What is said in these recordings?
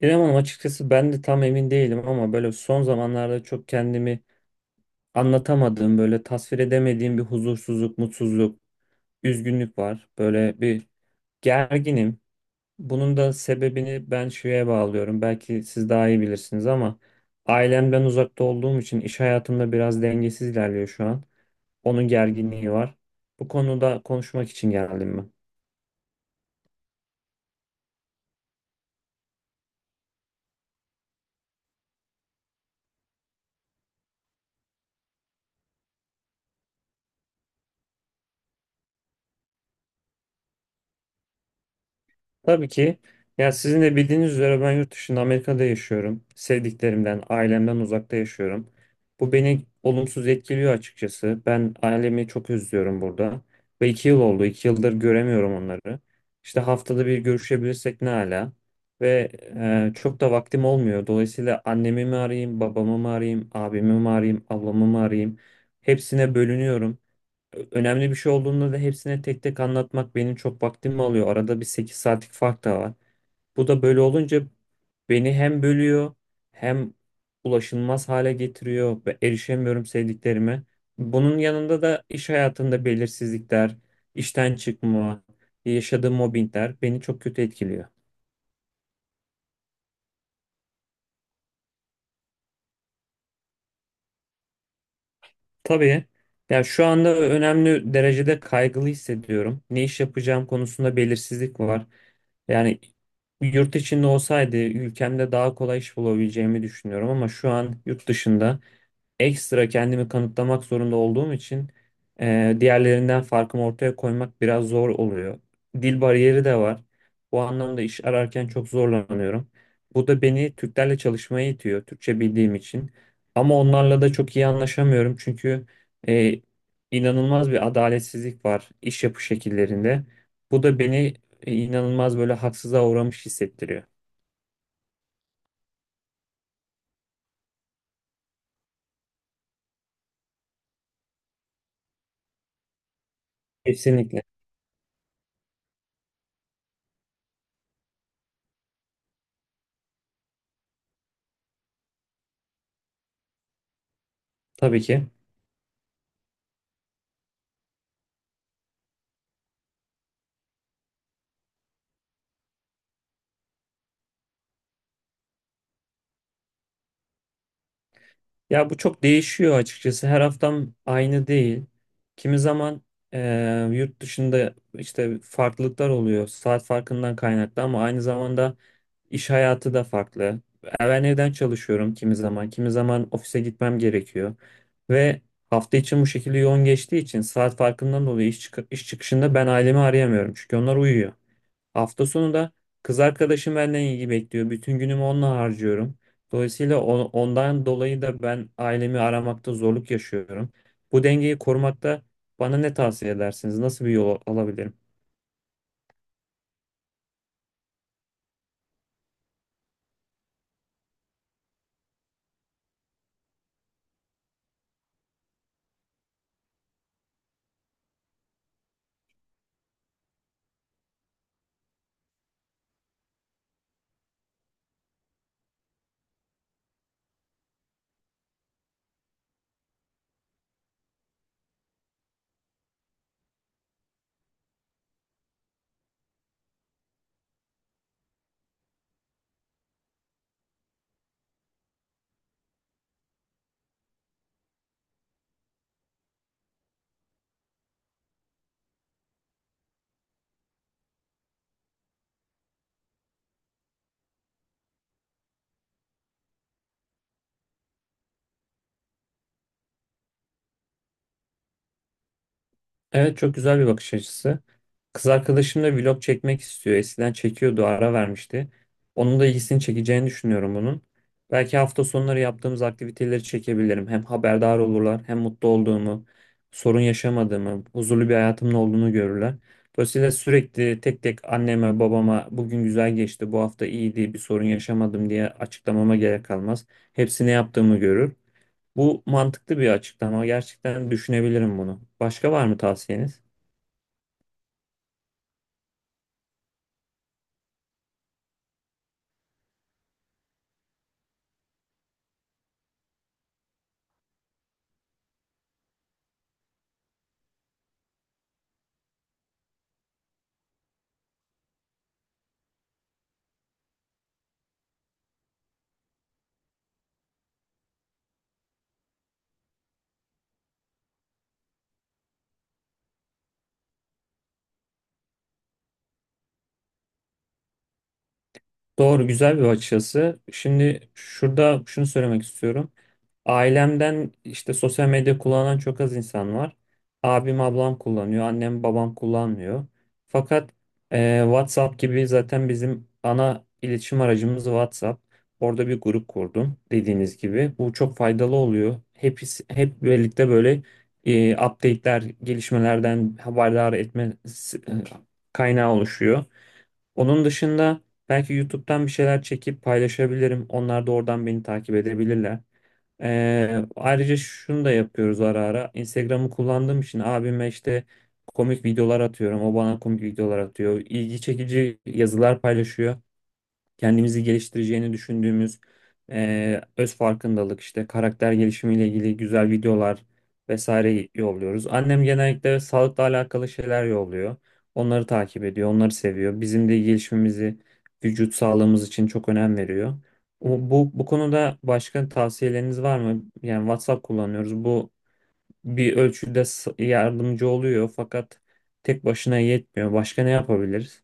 İrem Hanım, açıkçası ben de tam emin değilim ama böyle son zamanlarda çok kendimi anlatamadığım, böyle tasvir edemediğim bir huzursuzluk, mutsuzluk, üzgünlük var. Böyle bir gerginim. Bunun da sebebini ben şeye bağlıyorum. Belki siz daha iyi bilirsiniz ama ailemden uzakta olduğum için iş hayatımda biraz dengesiz ilerliyor şu an. Onun gerginliği var. Bu konuda konuşmak için geldim ben. Tabii ki. Ya sizin de bildiğiniz üzere ben yurt dışında Amerika'da yaşıyorum. Sevdiklerimden, ailemden uzakta yaşıyorum. Bu beni olumsuz etkiliyor açıkçası. Ben ailemi çok özlüyorum burada. Ve 2 yıl oldu. 2 yıldır göremiyorum onları. İşte haftada bir görüşebilirsek ne ala. Ve çok da vaktim olmuyor. Dolayısıyla annemi mi arayayım, babamı mı arayayım, abimi mi arayayım, ablamı mı arayayım. Hepsine bölünüyorum, önemli bir şey olduğunda da hepsine tek tek anlatmak benim çok vaktimi alıyor. Arada bir 8 saatlik fark da var. Bu da böyle olunca beni hem bölüyor hem ulaşılmaz hale getiriyor ve erişemiyorum sevdiklerime. Bunun yanında da iş hayatında belirsizlikler, işten çıkma, yaşadığım mobbingler beni çok kötü etkiliyor. Tabii. Ya şu anda önemli derecede kaygılı hissediyorum. Ne iş yapacağım konusunda belirsizlik var. Yani yurt içinde olsaydı ülkemde daha kolay iş bulabileceğimi düşünüyorum ama şu an yurt dışında ekstra kendimi kanıtlamak zorunda olduğum için diğerlerinden farkımı ortaya koymak biraz zor oluyor. Dil bariyeri de var. Bu anlamda iş ararken çok zorlanıyorum. Bu da beni Türklerle çalışmaya itiyor, Türkçe bildiğim için. Ama onlarla da çok iyi anlaşamıyorum çünkü e, inanılmaz bir adaletsizlik var iş yapı şekillerinde. Bu da beni inanılmaz böyle haksıza uğramış hissettiriyor. Kesinlikle. Tabii ki. Ya bu çok değişiyor açıkçası. Her haftam aynı değil. Kimi zaman yurt dışında işte farklılıklar oluyor. Saat farkından kaynaklı ama aynı zamanda iş hayatı da farklı. Ben evden çalışıyorum kimi zaman. Kimi zaman ofise gitmem gerekiyor. Ve hafta için bu şekilde yoğun geçtiği için saat farkından dolayı iş çıkışında ben ailemi arayamıyorum. Çünkü onlar uyuyor. Hafta sonu da kız arkadaşım benden ilgi bekliyor. Bütün günümü onunla harcıyorum. Dolayısıyla ondan dolayı da ben ailemi aramakta zorluk yaşıyorum. Bu dengeyi korumakta bana ne tavsiye edersiniz? Nasıl bir yol alabilirim? Evet, çok güzel bir bakış açısı. Kız arkadaşım da vlog çekmek istiyor. Eskiden çekiyordu, ara vermişti. Onun da ilgisini çekeceğini düşünüyorum bunun. Belki hafta sonları yaptığımız aktiviteleri çekebilirim. Hem haberdar olurlar, hem mutlu olduğumu, sorun yaşamadığımı, huzurlu bir hayatımın olduğunu görürler. Dolayısıyla sürekli tek tek anneme, babama bugün güzel geçti, bu hafta iyiydi, bir sorun yaşamadım diye açıklamama gerek kalmaz. Hepsini yaptığımı görür. Bu mantıklı bir açıklama. Gerçekten düşünebilirim bunu. Başka var mı tavsiyeniz? Doğru, güzel bir bakış açısı. Şimdi şurada şunu söylemek istiyorum. Ailemden işte sosyal medya kullanan çok az insan var. Abim, ablam kullanıyor, annem, babam kullanmıyor. Fakat WhatsApp gibi, zaten bizim ana iletişim aracımız WhatsApp. Orada bir grup kurdum dediğiniz gibi. Bu çok faydalı oluyor. Hep birlikte böyle update'ler, gelişmelerden haberdar etme e, kaynağı oluşuyor. Onun dışında belki YouTube'dan bir şeyler çekip paylaşabilirim. Onlar da oradan beni takip edebilirler. Ayrıca şunu da yapıyoruz ara ara. Instagram'ı kullandığım için abime işte komik videolar atıyorum. O bana komik videolar atıyor. İlgi çekici yazılar paylaşıyor, kendimizi geliştireceğini düşündüğümüz öz farkındalık işte karakter gelişimiyle ilgili güzel videolar vesaire yolluyoruz. Annem genellikle sağlıkla alakalı şeyler yolluyor. Onları takip ediyor, onları seviyor. Bizim de gelişimimizi, vücut sağlığımız için çok önem veriyor. Bu, bu konuda başka tavsiyeleriniz var mı? Yani WhatsApp kullanıyoruz. Bu bir ölçüde yardımcı oluyor fakat tek başına yetmiyor. Başka ne yapabiliriz?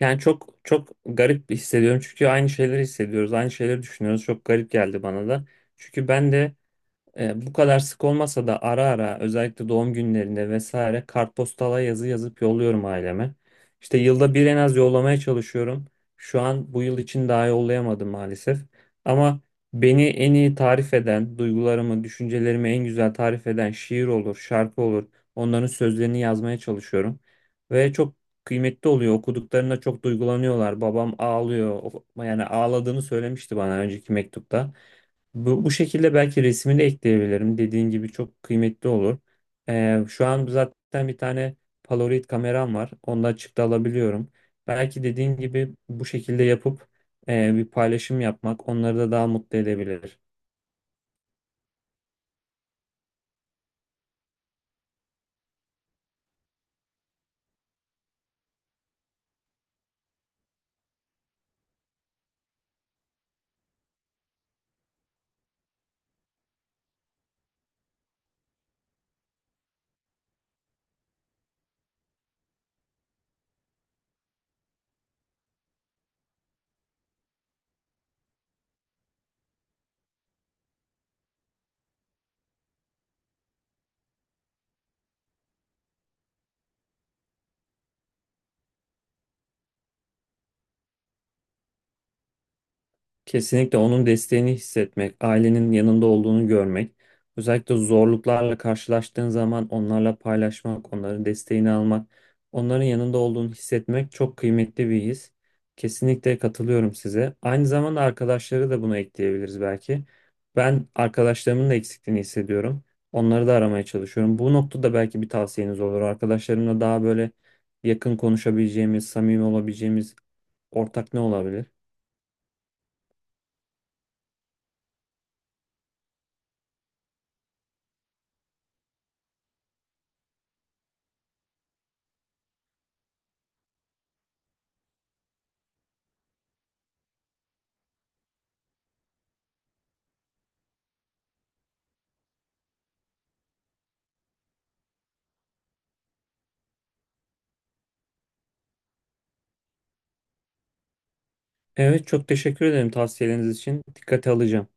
Yani çok çok garip hissediyorum çünkü aynı şeyleri hissediyoruz, aynı şeyleri düşünüyoruz. Çok garip geldi bana da. Çünkü ben de bu kadar sık olmasa da ara ara özellikle doğum günlerinde vesaire kartpostala yazı yazıp yolluyorum aileme. İşte yılda bir en az yollamaya çalışıyorum. Şu an bu yıl için daha yollayamadım maalesef. Ama beni en iyi tarif eden, duygularımı, düşüncelerimi en güzel tarif eden şiir olur, şarkı olur. Onların sözlerini yazmaya çalışıyorum. Ve çok kıymetli oluyor. Okuduklarında çok duygulanıyorlar. Babam ağlıyor. Yani ağladığını söylemişti bana önceki mektupta. Bu, bu şekilde belki resmini ekleyebilirim. Dediğin gibi çok kıymetli olur. Şu an zaten bir tane Polaroid kameram var. Onda açıkta alabiliyorum. Belki dediğin gibi bu şekilde yapıp bir paylaşım yapmak onları da daha mutlu edebilir. Kesinlikle onun desteğini hissetmek, ailenin yanında olduğunu görmek, özellikle zorluklarla karşılaştığın zaman onlarla paylaşmak, onların desteğini almak, onların yanında olduğunu hissetmek çok kıymetli bir his. Kesinlikle katılıyorum size. Aynı zamanda arkadaşları da buna ekleyebiliriz belki. Ben arkadaşlarımın da eksikliğini hissediyorum. Onları da aramaya çalışıyorum. Bu noktada belki bir tavsiyeniz olur. Arkadaşlarımla daha böyle yakın konuşabileceğimiz, samimi olabileceğimiz ortak ne olabilir? Evet, çok teşekkür ederim tavsiyeleriniz için. Dikkate alacağım.